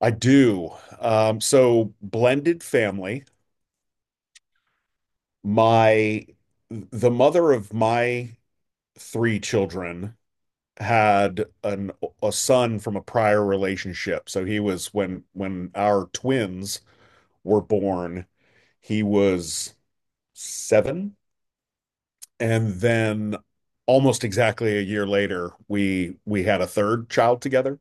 I do. So blended family. My The mother of my three children had an a son from a prior relationship. So he was when our twins were born, he was seven, and then almost exactly a year later, we had a third child together.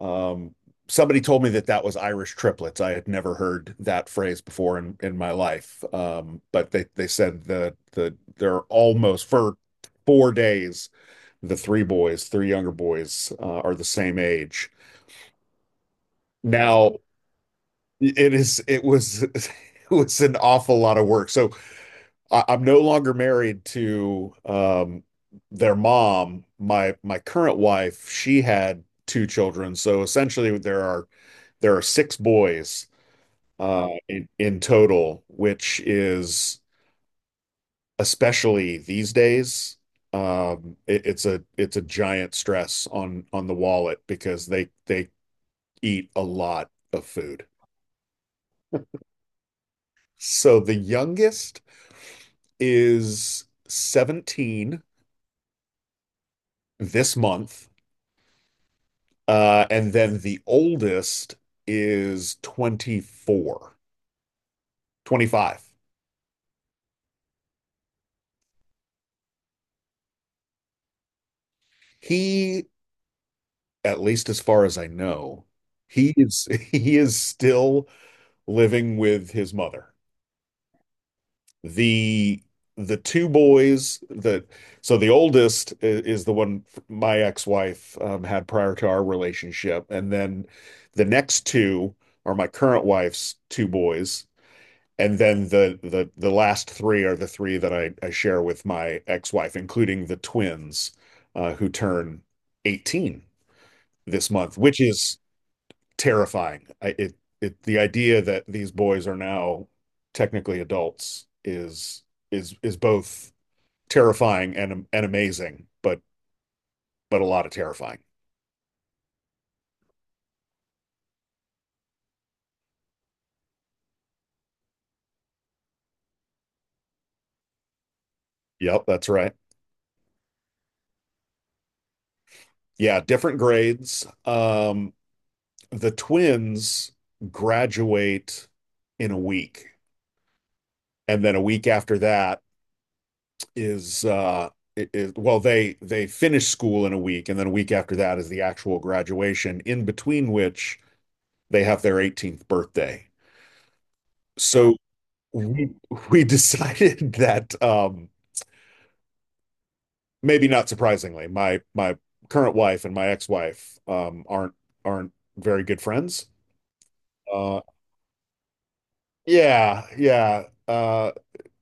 Um, Somebody told me that that was Irish triplets. I had never heard that phrase before in my life. But they said they're almost for 4 days, the three boys, three younger boys, are the same age. Now it was, it was an awful lot of work. So I'm no longer married to, their mom. My current wife, she had two children. So essentially there are six boys, in total, which is, especially these days, it's a giant stress on the wallet because they eat a lot of food. So the youngest is 17 this month, and then the oldest is 24, 25. He, at least as far as I know, he is he is still living with his mother. The the two boys that So the oldest is the one my ex-wife, had prior to our relationship, and then the next two are my current wife's two boys, and then the last three are the three that I share with my ex-wife, including the twins, who turn 18 this month, which is terrifying. The idea that these boys are now technically adults is both terrifying and amazing, but a lot of terrifying. Yep, that's right. Yeah, different grades. The twins graduate in a week, and then a week after that, is is, well, they finish school in a week, and then a week after that is the actual graduation, in between which they have their 18th birthday. So we we decided that, maybe not surprisingly, my current wife and my ex-wife, aren't very good friends. Uh yeah, yeah. Uh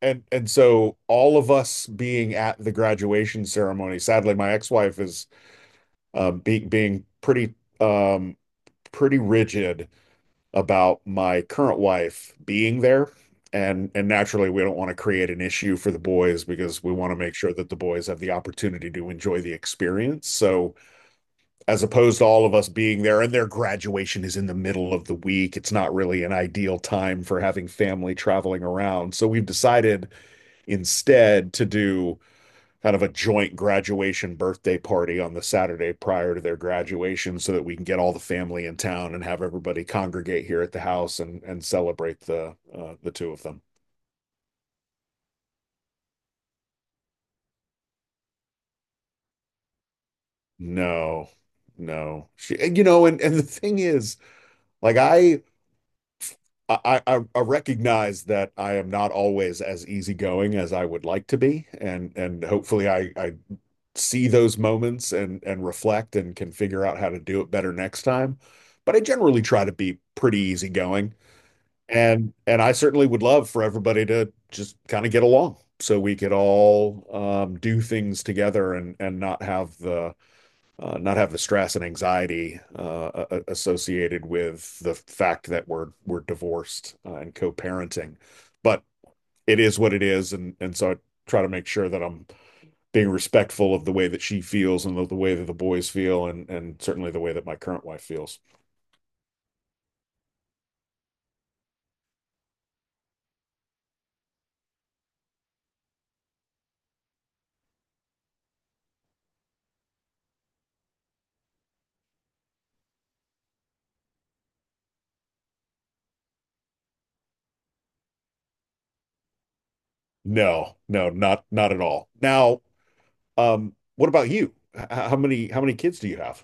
and and so, all of us being at the graduation ceremony, sadly my ex-wife is, being pretty, um, pretty rigid about my current wife being there. And naturally, we don't want to create an issue for the boys because we want to make sure that the boys have the opportunity to enjoy the experience. So, as opposed to all of us being there, and their graduation is in the middle of the week, it's not really an ideal time for having family traveling around. So, we've decided instead to do kind of a joint graduation birthday party on the Saturday prior to their graduation so that we can get all the family in town and have everybody congregate here at the house and celebrate the two of them. No, no, she, you know, and the thing is, like, I recognize that I am not always as easygoing as I would like to be, and hopefully I see those moments and reflect and can figure out how to do it better next time. But I generally try to be pretty easygoing. And I certainly would love for everybody to just kind of get along so we could all, do things together and not have the stress and anxiety, associated with the fact that we're divorced, and co-parenting. But it is what it is, and so I try to make sure that I'm being respectful of the way that she feels and the way that the boys feel and certainly the way that my current wife feels. No, no, not at all. Now, what about you? How many kids do you have?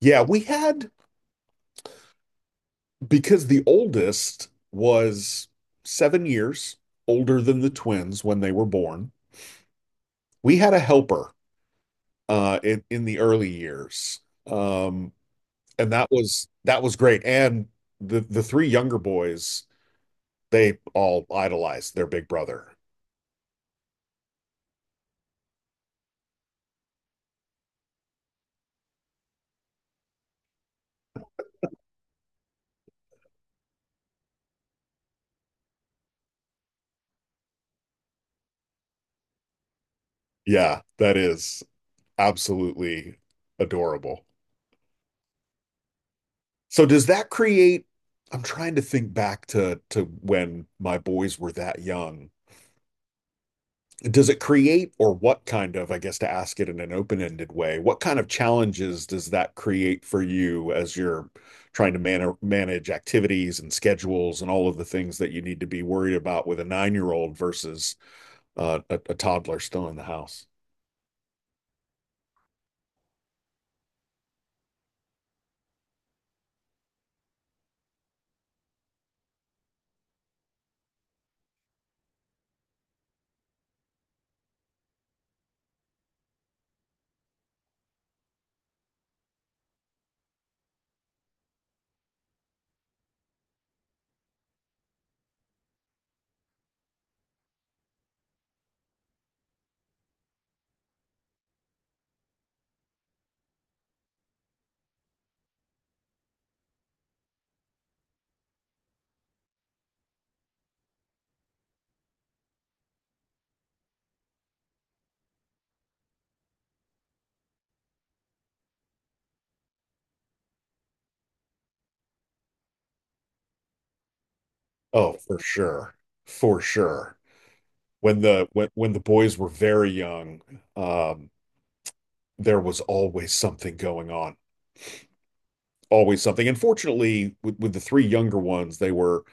Yeah, we had, because the oldest was 7 years older than the twins when they were born. We had a helper, in the early years, um, and that was great. And the three younger boys, they all idolize their big brother. Yeah, that is absolutely adorable. So does that create, I'm trying to think back to when my boys were that young. Does it create, or what kind of, I guess to ask it in an open-ended way, what kind of challenges does that create for you as you're trying to manage activities and schedules and all of the things that you need to be worried about with a nine-year-old versus, a toddler still in the house? Oh, for sure. For sure. When the boys were very young, um, there was always something going on. Always something. And fortunately, with the three younger ones, they were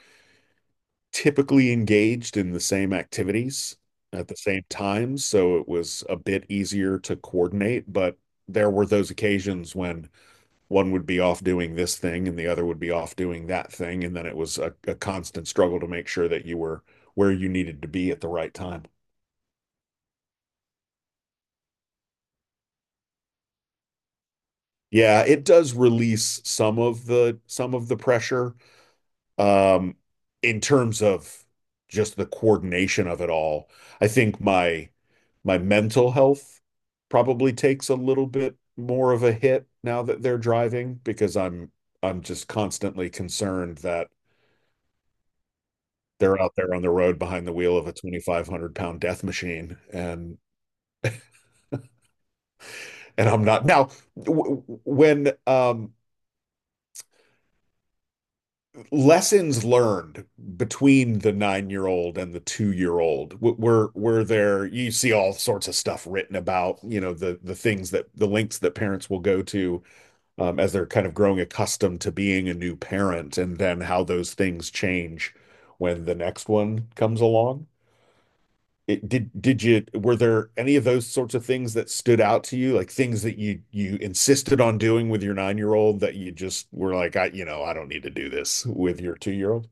typically engaged in the same activities at the same time, so it was a bit easier to coordinate, but there were those occasions when one would be off doing this thing and the other would be off doing that thing, and then it was a constant struggle to make sure that you were where you needed to be at the right time. Yeah, it does release some of the pressure, um, in terms of just the coordination of it all. I think my mental health probably takes a little bit more of a hit now that they're driving because I'm just constantly concerned that they're out there on the road behind the wheel of a 2,500 pound death machine. And I'm not. Now, when, lessons learned between the nine-year-old and the two-year-old were there, you see all sorts of stuff written about, you know, the lengths that parents will go to, as they're kind of growing accustomed to being a new parent, and then how those things change when the next one comes along. It, did did you, were there any of those sorts of things that stood out to you, like things that you insisted on doing with your nine-year-old that you just were like, I you know, I don't need to do this with your two-year-old?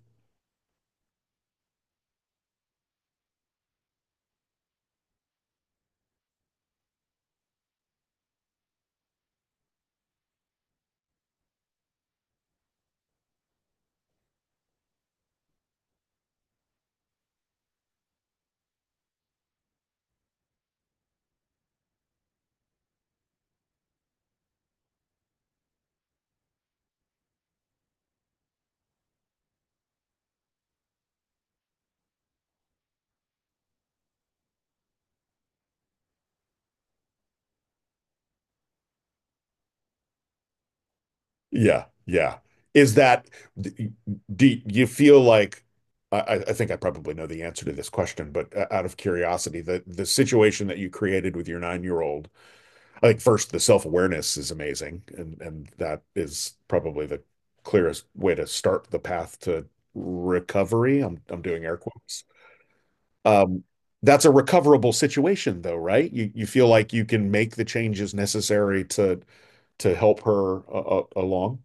Yeah, yeah. Is that d- do you feel like, I think I probably know the answer to this question, but, out of curiosity, the situation that you created with your nine-year-old, I think first the self-awareness is amazing, and that is probably the clearest way to start the path to recovery. I'm doing air quotes. Um, that's a recoverable situation though, right? You feel like you can make the changes necessary to help her, along.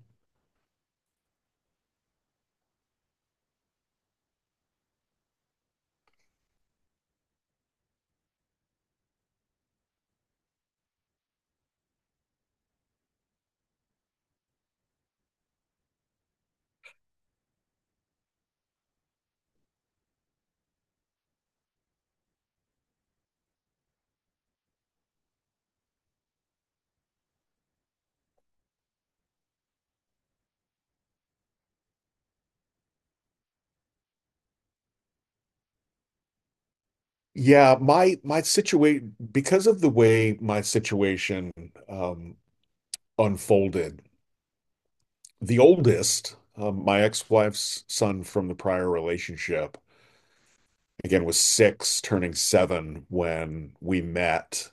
Yeah, my situation, because of the way my situation, um, unfolded, the oldest, my ex-wife's son from the prior relationship, again was six, turning seven when we met,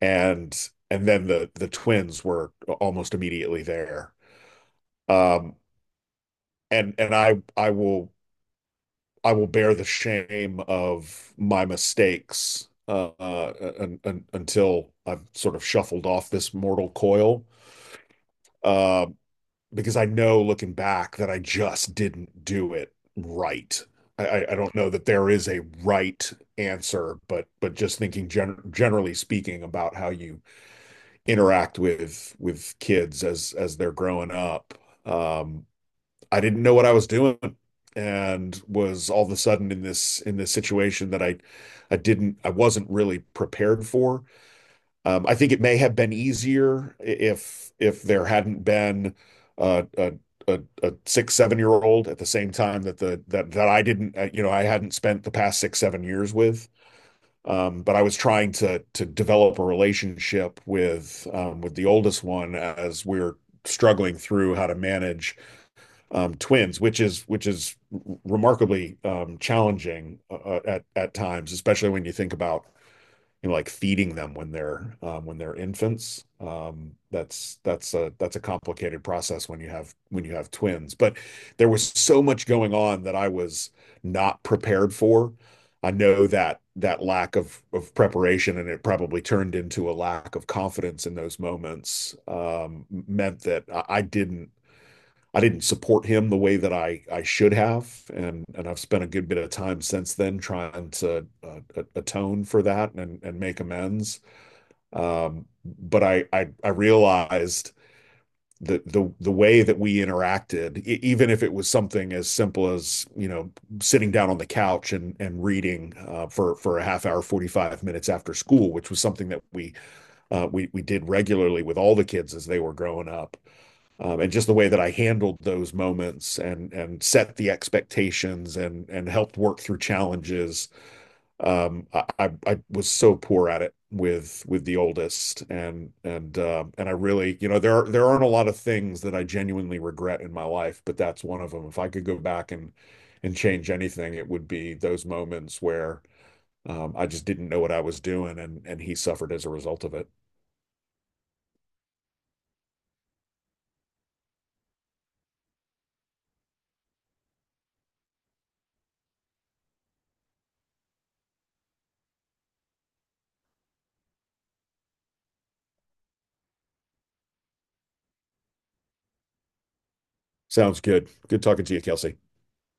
and then the twins were almost immediately there. Um, and I will bear the shame of my mistakes, un un until I've sort of shuffled off this mortal coil. Uh, because I know, looking back, that I just didn't do it right. I don't know that there is a right answer, but just thinking generally speaking about how you interact with kids as they're growing up, um, I didn't know what I was doing and was all of a sudden in this situation that I wasn't really prepared for. I think it may have been easier if there hadn't been, uh, a a 6, 7 year old at the same time that the that that I didn't, you know, I hadn't spent the past 6, 7 years with. But I was trying to develop a relationship with, with the oldest one as we're struggling through how to manage, twins, which is remarkably, challenging, at times, especially when you think about, you know, like feeding them when they're, infants. That's a complicated process when you have twins. But there was so much going on that I was not prepared for. I know that that lack of preparation, and it probably turned into a lack of confidence in those moments, meant that I didn't support him the way that I should have, and I've spent a good bit of time since then trying to, atone for that and make amends. But I realized, the way that we interacted, even if it was something as simple as, sitting down on the couch and reading, for a half hour, 45 minutes after school, which was something that we did regularly with all the kids as they were growing up, and just the way that I handled those moments and set the expectations and helped work through challenges. I was so poor at it with the oldest, and I really, you know, there aren't a lot of things that I genuinely regret in my life, but that's one of them. If I could go back and change anything, it would be those moments where, I just didn't know what I was doing, and he suffered as a result of it. Sounds good. Good talking to you, Kelsey.